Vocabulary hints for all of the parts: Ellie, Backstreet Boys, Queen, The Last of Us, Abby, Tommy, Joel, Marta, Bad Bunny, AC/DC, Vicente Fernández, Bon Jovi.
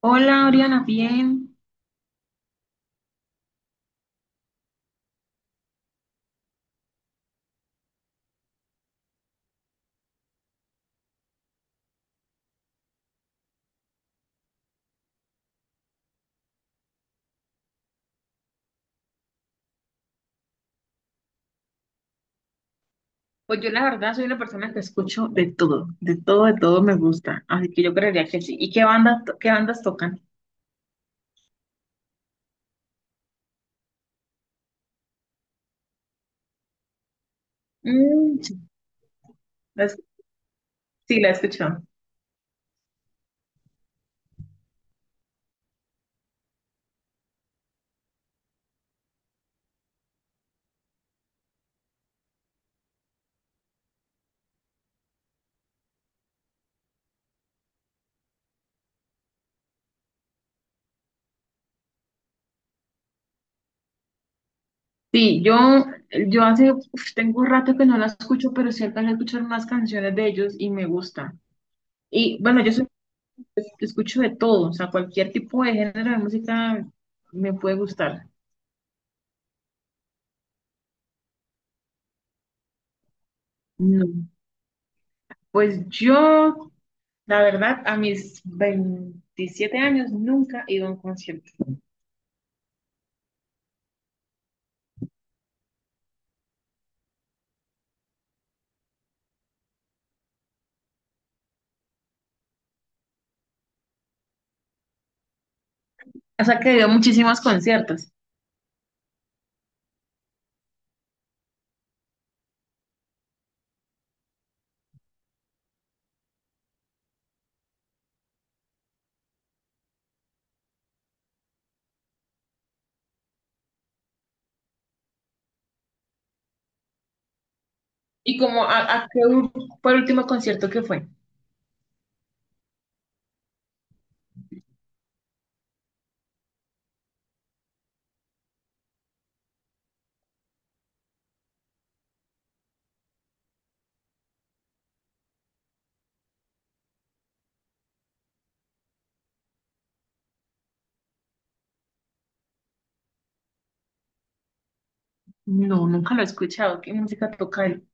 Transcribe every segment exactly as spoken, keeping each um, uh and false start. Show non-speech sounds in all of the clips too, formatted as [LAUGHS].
Hola, Oriana, bien. Pues yo la verdad soy una persona que escucho de todo, de todo, de todo me gusta, así que yo creería que sí. ¿Y qué banda, to- qué bandas tocan? Mm, sí, la, es- sí, la he escuchado. Sí, yo, yo hace, uf, tengo un rato que no la escucho, pero sí alcancé a escuchar más canciones de ellos y me gusta. Y bueno, yo soy- escucho de todo, o sea, cualquier tipo de género de música me puede gustar. Pues yo, la verdad, a mis veintisiete años nunca he ido a un concierto. O sea que he ido a muchísimos conciertos. ¿Y como a, a qué u- fue el último concierto que fue? No, nunca lo he escuchado. ¿Qué música toca él?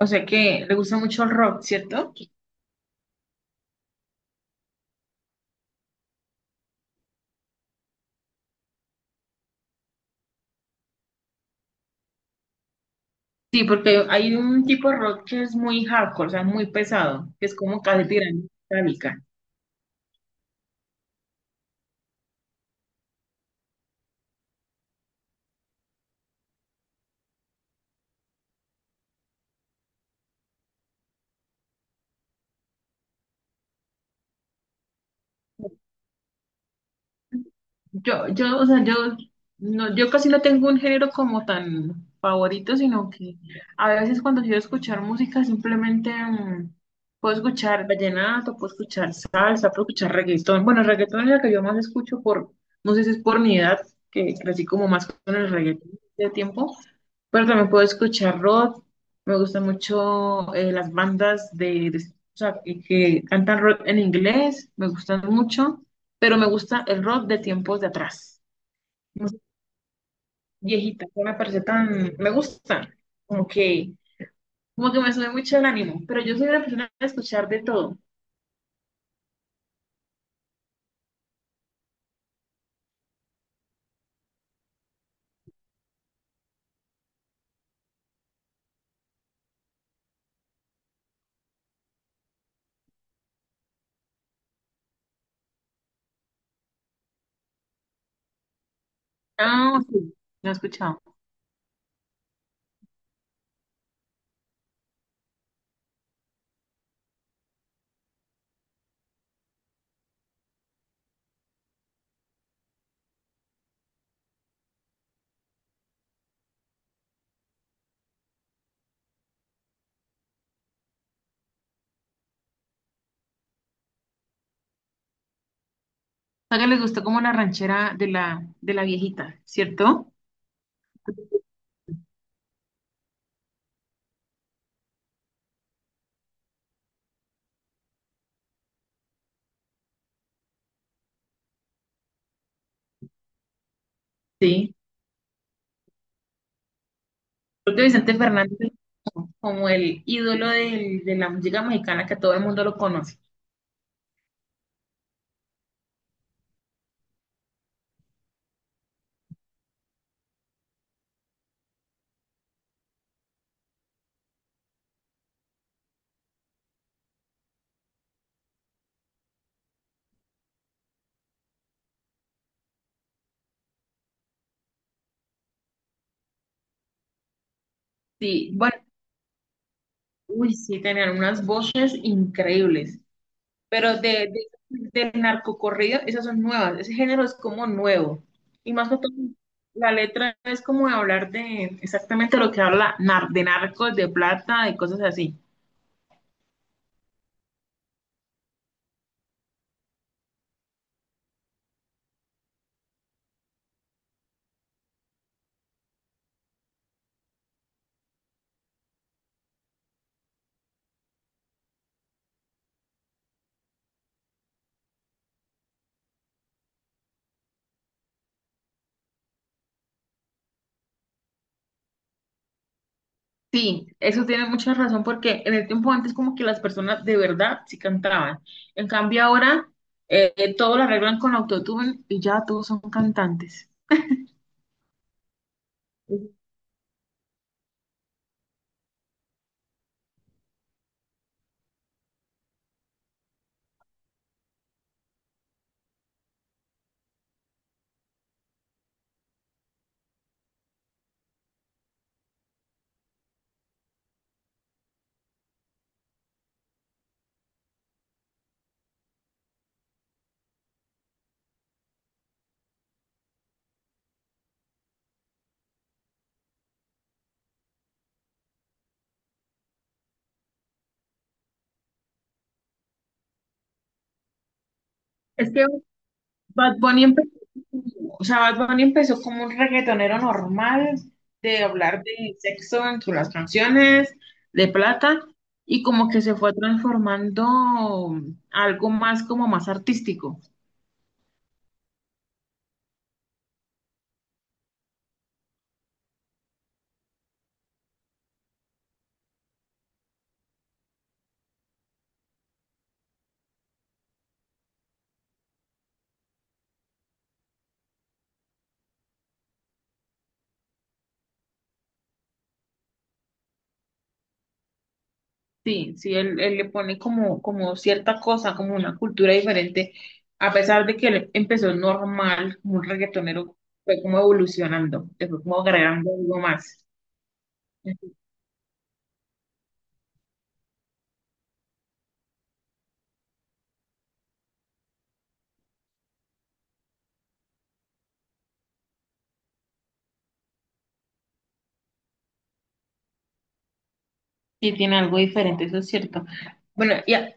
O sea que le gusta mucho el rock, ¿cierto? Sí, porque hay un tipo de rock que es muy hardcore, o sea, muy pesado, que es como casi tirando metálica. Yo, yo, o sea, yo, no, yo casi no tengo un género como tan favorito, sino que a veces cuando quiero escuchar música simplemente mm, puedo escuchar vallenato, puedo escuchar salsa, puedo escuchar reggaetón. Bueno, el reggaetón es la que yo más escucho por, no sé si es por mi edad, que crecí como más con el reggaetón de tiempo, pero también puedo escuchar rock. Me gustan mucho eh, las bandas de, de- o sea, que, que cantan rock en inglés. Me gustan mucho. Pero me gusta el rock de tiempos de atrás. Música viejita, que me parece tan... Me gusta. Como que, como que me sube mucho el ánimo. Pero yo soy una persona de escuchar de todo. Ah, sí. Lo he escuchado. A que les gustó como la ranchera de la, de la viejita, ¿cierto? Sí. Creo que Vicente Fernández es como el ídolo del- de la música mexicana que todo el mundo lo conoce. Sí, bueno, uy, sí, tenían unas voces increíbles, pero de, de- del narcocorrido, esas son nuevas, ese género es como nuevo. Y más que todo, la letra es como de hablar de exactamente lo que habla nar- de narcos, de plata, de cosas así. Sí, eso tiene mucha razón porque en el tiempo antes como que las personas de verdad sí cantaban. En cambio ahora eh, eh, todo lo arreglan con autotune y ya todos son cantantes. Es que Bad Bunny empezó, o sea, Bad Bunny empezó como un reggaetonero normal de hablar de sexo en sus las canciones, de plata, y como que se fue transformando a algo más como más artístico. Sí, sí, él, él le pone como, como cierta cosa, como una cultura diferente, a pesar de que él empezó normal, como un reggaetonero, fue como evolucionando, le fue como agregando algo más. Sí, tiene algo diferente, eso es cierto. Bueno, y a-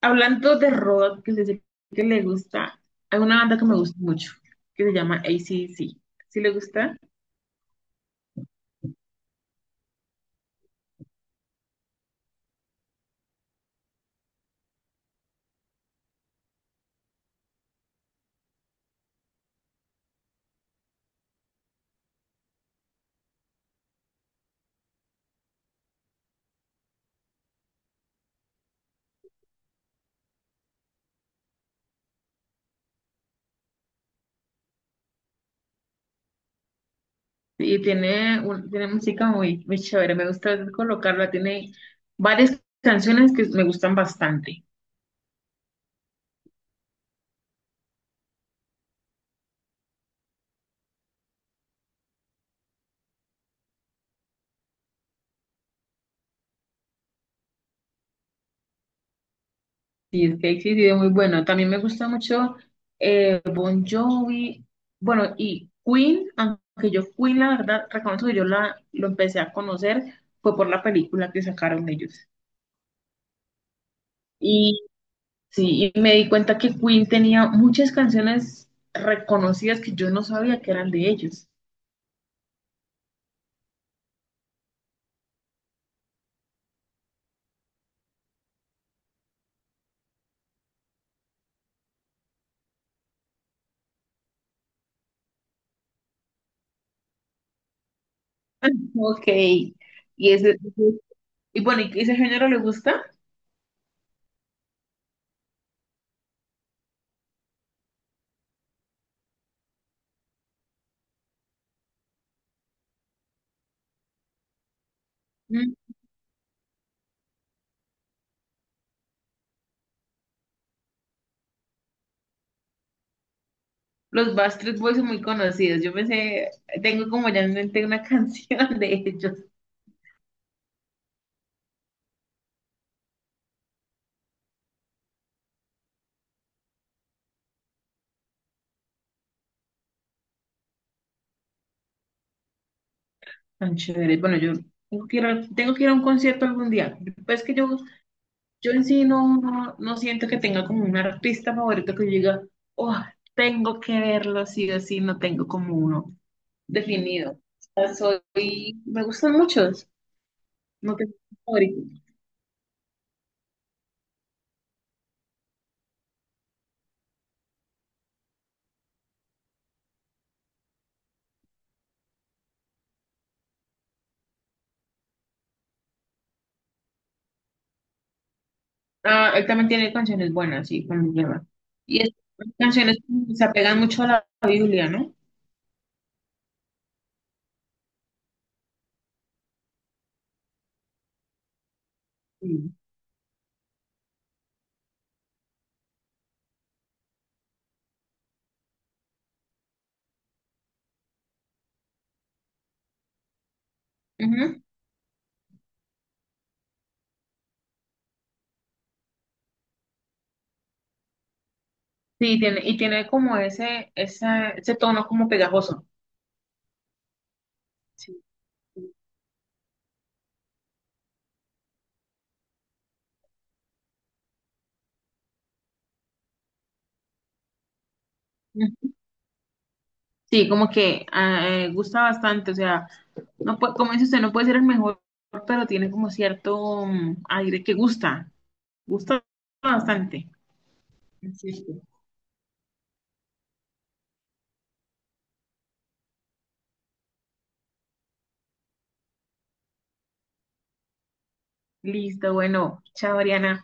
hablando de rock, que sé que le gusta, hay una banda que me gusta mucho, que se llama A C D C. ¿Sí le gusta? Y tiene, un- tiene música muy, muy chévere, me gusta colocarla, tiene varias canciones que me gustan bastante. Cheesecake, sí, sí, es muy bueno. También me gusta mucho eh, Bon Jovi, bueno, y Queen, aunque yo Queen, la verdad, reconozco que yo la, lo empecé a conocer, fue por la película que sacaron ellos. Y sí, y me di cuenta que Queen tenía muchas canciones reconocidas que yo no sabía que eran de ellos. [LAUGHS] Ok. Y ese, y bueno, ¿y ese género le gusta? Mm. Los Backstreet Boys son muy conocidos. Yo pensé, tengo como ya en mente una [LAUGHS] canción de ellos. Tan chévere. Bueno, yo tengo que ir a, tengo que ir a un concierto algún día. Pues que yo, yo en sí no, no, no siento que tenga como un artista favorito que yo diga, oh, tengo que verlo sí o sí, no tengo como uno definido. O sea, soy, me gustan muchos, no tengo un favorito. Ah, él también tiene canciones buenas, sí, con lleva. Y es- canciones que se apegan mucho a la Biblia, ¿no? Sí. Ujú. Sí, tiene, y tiene como ese, esa- ese tono como pegajoso. Sí. Sí, como que ah, eh, gusta bastante, o sea, no puede, como dice usted, no puede ser el mejor, pero tiene como cierto mm, aire que gusta, gusta bastante. Es... Listo, bueno, chao, Ariana.